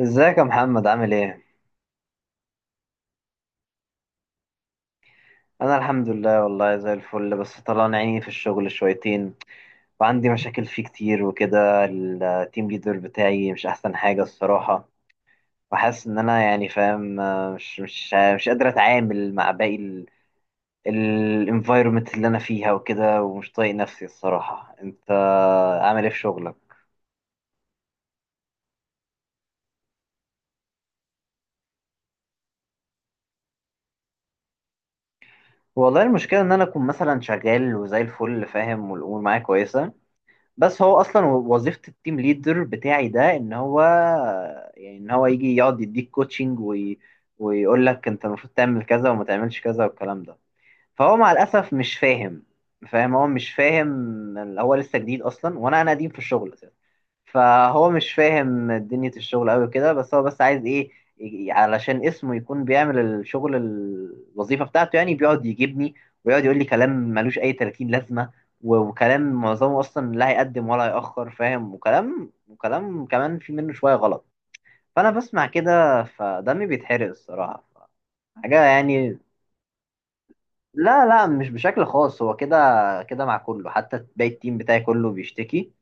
ازيك يا محمد؟ عامل ايه؟ انا الحمد لله، والله زي الفل، بس طلعنا عيني في الشغل شويتين، وعندي مشاكل فيه كتير وكده. التيم ليدر بتاعي مش احسن حاجة الصراحة، وحاسس ان انا يعني فاهم مش قادر اتعامل مع باقي الانفايرمنت اللي انا فيها وكده، ومش طايق نفسي الصراحة. انت عامل ايه في شغلك؟ والله المشكلة ان انا اكون مثلا شغال وزي الفل فاهم والامور معايا كويسة، بس هو اصلا وظيفه التيم ليدر بتاعي ده ان هو يجي يقعد يديك كوتشنج ويقول لك انت المفروض تعمل كذا وما تعملش كذا والكلام ده. فهو مع الاسف مش فاهم. هو مش فاهم، هو لسه جديد اصلا، وانا قديم في الشغل اساسا. فهو مش فاهم دنيا الشغل قوي كده، بس هو عايز ايه؟ علشان اسمه يكون بيعمل الشغل، الوظيفة بتاعته، يعني بيقعد يجيبني ويقعد يقول لي كلام ملوش اي 30 لازمة، وكلام معظمه اصلا لا هيقدم ولا هيأخر فاهم، وكلام كمان في منه شوية غلط. فانا بسمع كده فدمي بيتحرق الصراحة، حاجة يعني. لا لا، مش بشكل خاص، هو كده كده مع كله، حتى باقي التيم بتاعي كله بيشتكي.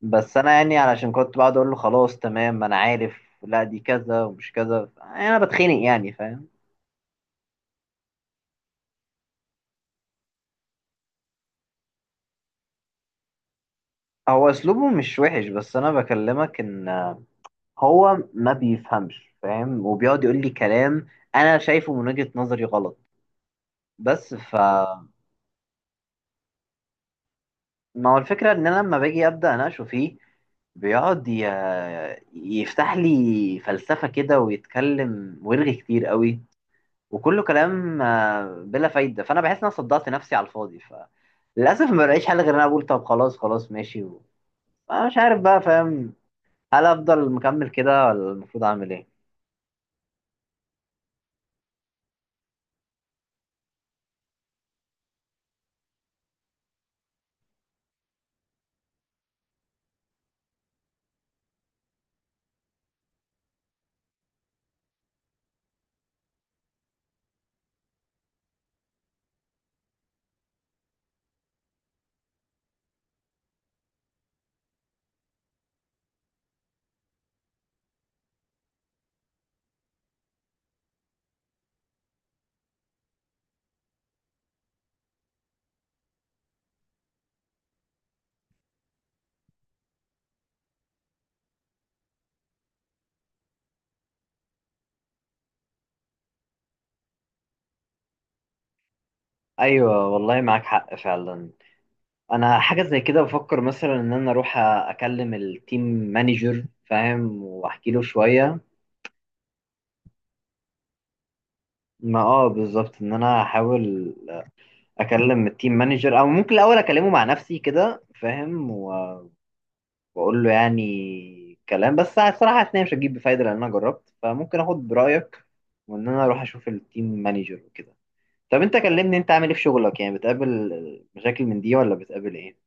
بس انا يعني علشان كنت بقعد اقول له خلاص تمام انا عارف، لا دي كذا ومش كذا، يعني انا بتخنق يعني فاهم. هو اسلوبه مش وحش، بس انا بكلمك ان هو ما بيفهمش فاهم، وبيقعد يقول لي كلام انا شايفه من وجهة نظري غلط، بس. ما هو الفكرة ان انا لما باجي ابدا اناقشه فيه بيقعد يفتح لي فلسفة كده ويتكلم ويرغي كتير قوي، وكله كلام بلا فايدة. فانا بحس ان انا صدعت نفسي على الفاضي، ف للاسف ما بلاقيش حل غير ان انا اقول طب خلاص، خلاص ماشي انا مش عارف بقى فاهم، هل افضل مكمل كده ولا المفروض اعمل ايه؟ ايوه والله معاك حق فعلا. انا حاجه زي كده بفكر مثلا، ان انا اروح اكلم التيم مانجر فاهم واحكي له شويه. ما اه، بالظبط، ان انا احاول اكلم التيم مانجر، او ممكن الاول اكلمه مع نفسي كده فاهم بقول له يعني كلام، بس الصراحه حاسس إن هي مش هتجيب بفايده لان انا جربت، فممكن اخد برايك وان انا اروح اشوف التيم مانجر وكده. طب انت كلمني، انت عامل ايه في شغلك؟ يعني بتقابل مشاكل من دي ولا بتقابل ايه؟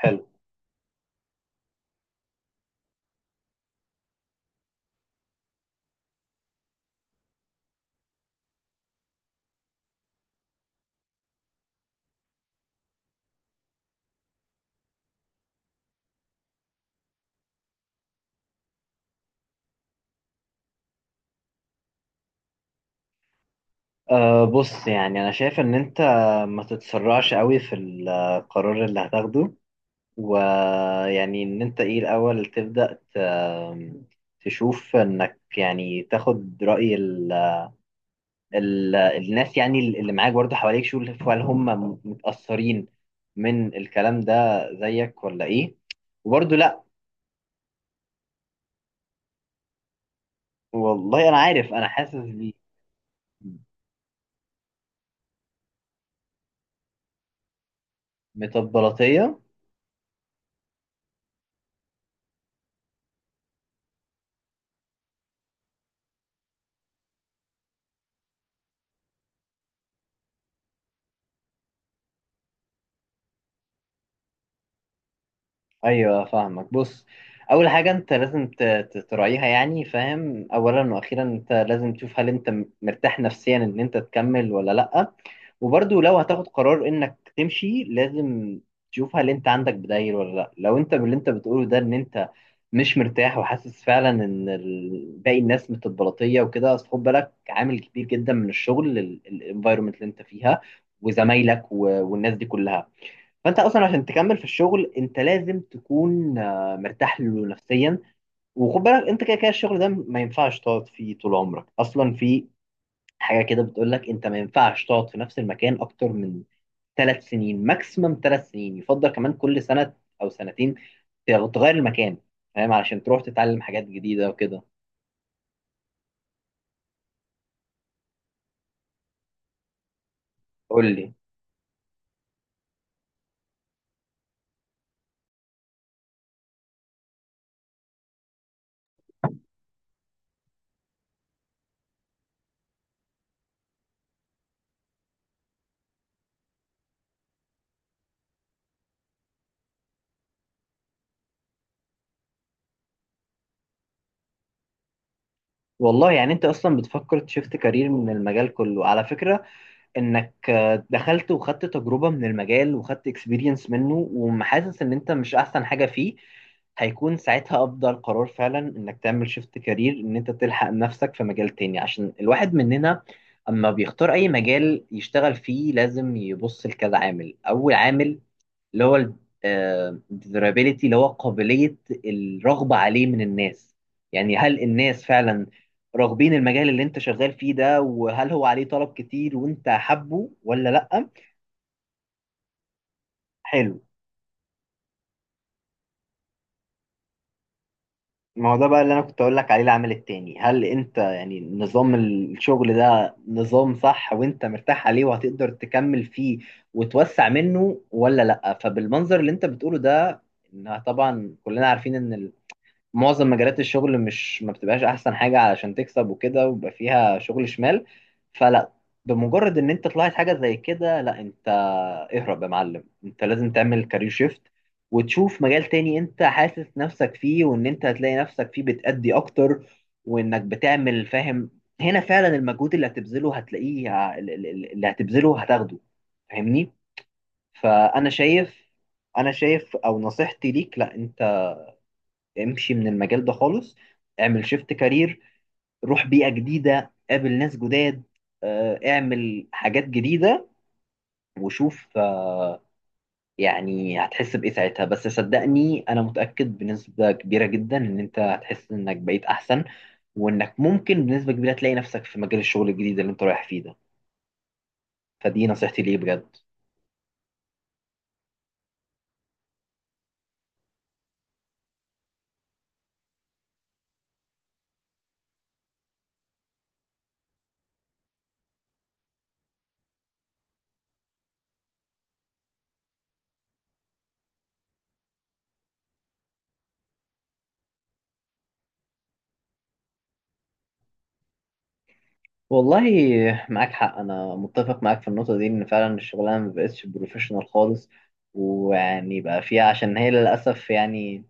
حلو. أه، بص، يعني انا شايف ان انت ما تتسرعش قوي في القرار اللي هتاخده، ويعني ان انت ايه الاول تبدا تشوف انك يعني تاخد راي الناس يعني اللي معاك برضه حواليك. شوف هل هم متأثرين من الكلام ده زيك ولا ايه؟ وبرضه لا. والله انا عارف، انا حاسس بتبلطية. ايوه فاهمك. بص، اول حاجه انت لازم تراعيها يعني فاهم، اولا واخيرا انت لازم تشوف هل انت مرتاح نفسيا ان انت تكمل ولا لا. وبرضو لو هتاخد قرار انك تمشي، لازم تشوف هل انت عندك بدايل ولا لا. لو انت باللي انت بتقوله ده ان انت مش مرتاح وحاسس فعلا ان باقي الناس متبلطيه وكده، اصل خد بالك، عامل كبير جدا من الشغل الانفايرمنت اللي انت فيها وزمايلك والناس دي كلها. فانت اصلا عشان تكمل في الشغل انت لازم تكون مرتاح له نفسيا. وخد بالك انت كده كده الشغل ده ما ينفعش تقعد فيه طول عمرك اصلا. في حاجه كده بتقول لك انت ما ينفعش تقعد في نفس المكان اكتر من ثلاث سنين، ماكسيمم ثلاث سنين، يفضل كمان كل سنه او سنتين تغير المكان، فاهم، علشان تروح تتعلم حاجات جديده وكده. قول لي. والله يعني انت اصلا بتفكر تشفت كارير من المجال كله على فكره، انك دخلت وخدت تجربة من المجال وخدت اكسبيرينس منه وحاسس ان انت مش احسن حاجة فيه. هيكون ساعتها افضل قرار فعلا انك تعمل شيفت كارير، ان انت تلحق نفسك في مجال تاني. عشان الواحد مننا اما بيختار اي مجال يشتغل فيه لازم يبص لكذا عامل. اول عامل اللي هو ال desirability، اللي هو قابلية الرغبة عليه من الناس، يعني هل الناس فعلا راغبين المجال اللي انت شغال فيه ده، وهل هو عليه طلب كتير وانت حابه ولا لأ؟ حلو، ما هو ده بقى اللي انا كنت اقول لك عليه. العامل التاني، هل انت يعني نظام الشغل ده نظام صح وانت مرتاح عليه وهتقدر تكمل فيه وتوسع منه ولا لأ؟ فبالمنظر اللي انت بتقوله ده إنها، طبعا كلنا عارفين ان معظم مجالات الشغل مش ما بتبقاش احسن حاجه علشان تكسب وكده، ويبقى فيها شغل شمال. فلا، بمجرد ان انت طلعت حاجه زي كده، لا انت اهرب يا معلم، انت لازم تعمل كارير شيفت وتشوف مجال تاني انت حاسس نفسك فيه، وان انت هتلاقي نفسك فيه بتأدي اكتر، وانك بتعمل فاهم، هنا فعلا المجهود اللي هتبذله هتلاقيه، اللي هتبذله هتاخده، فاهمني. فانا شايف، انا شايف او نصيحتي ليك، لا امشي من المجال ده خالص، اعمل شيفت كارير، روح بيئة جديدة، قابل ناس جداد، اعمل حاجات جديدة، وشوف يعني هتحس بإيه ساعتها. بس صدقني أنا متأكد بنسبة كبيرة جدا إن أنت هتحس إنك بقيت أحسن، وإنك ممكن بنسبة كبيرة تلاقي نفسك في مجال الشغل الجديد اللي أنت رايح فيه ده. فدي نصيحتي ليه بجد. والله معاك حق، أنا متفق معاك في النقطة دي إن فعلا الشغلانة مبقتش بروفيشنال خالص، ويعني بقى فيها عشان هي للأسف يعني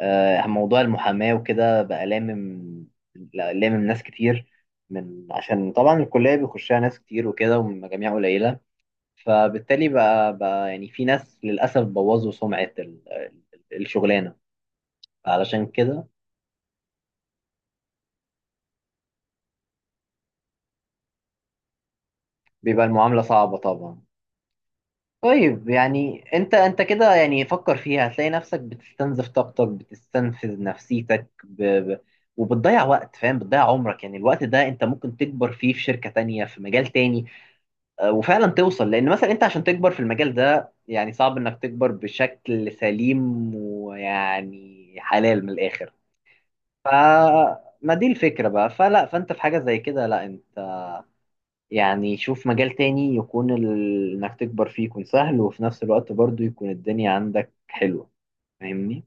موضوع المحاماة وكده بقى لامم لا- لامم ناس كتير، من عشان طبعا الكلية بيخشها ناس كتير وكده ومن مجاميع قليلة، فبالتالي بقى، يعني في ناس للأسف بوظوا سمعة الشغلانة، علشان كده بيبقى المعاملة صعبة طبعا. طيب، يعني انت كده يعني فكر فيها. هتلاقي نفسك بتستنزف طاقتك، بتستنفذ نفسيتك وبتضيع وقت فاهم، بتضيع عمرك، يعني الوقت ده انت ممكن تكبر فيه في شركة تانية في مجال تاني، وفعلا توصل، لان مثلا انت عشان تكبر في المجال ده يعني صعب انك تكبر بشكل سليم ويعني حلال من الاخر. فما دي الفكرة بقى، فلا، فانت في حاجة زي كده لا انت يعني شوف مجال تاني يكون انك تكبر فيه يكون سهل، وفي نفس الوقت برضو يكون الدنيا عندك حلوة، فاهمني.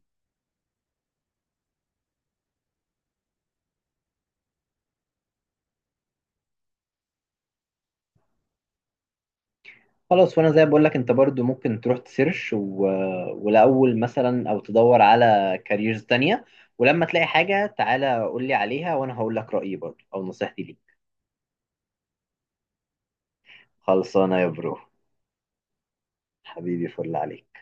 خلاص، وانا زي ما بقول لك، انت برضو ممكن تروح تسيرش ولاول مثلا، او تدور على كاريرز تانية، ولما تلاقي حاجة تعالى قول لي عليها وانا هقول لك رأيي برضو او نصيحتي ليك. خلصانه يا برو. حبيبي فل عليك.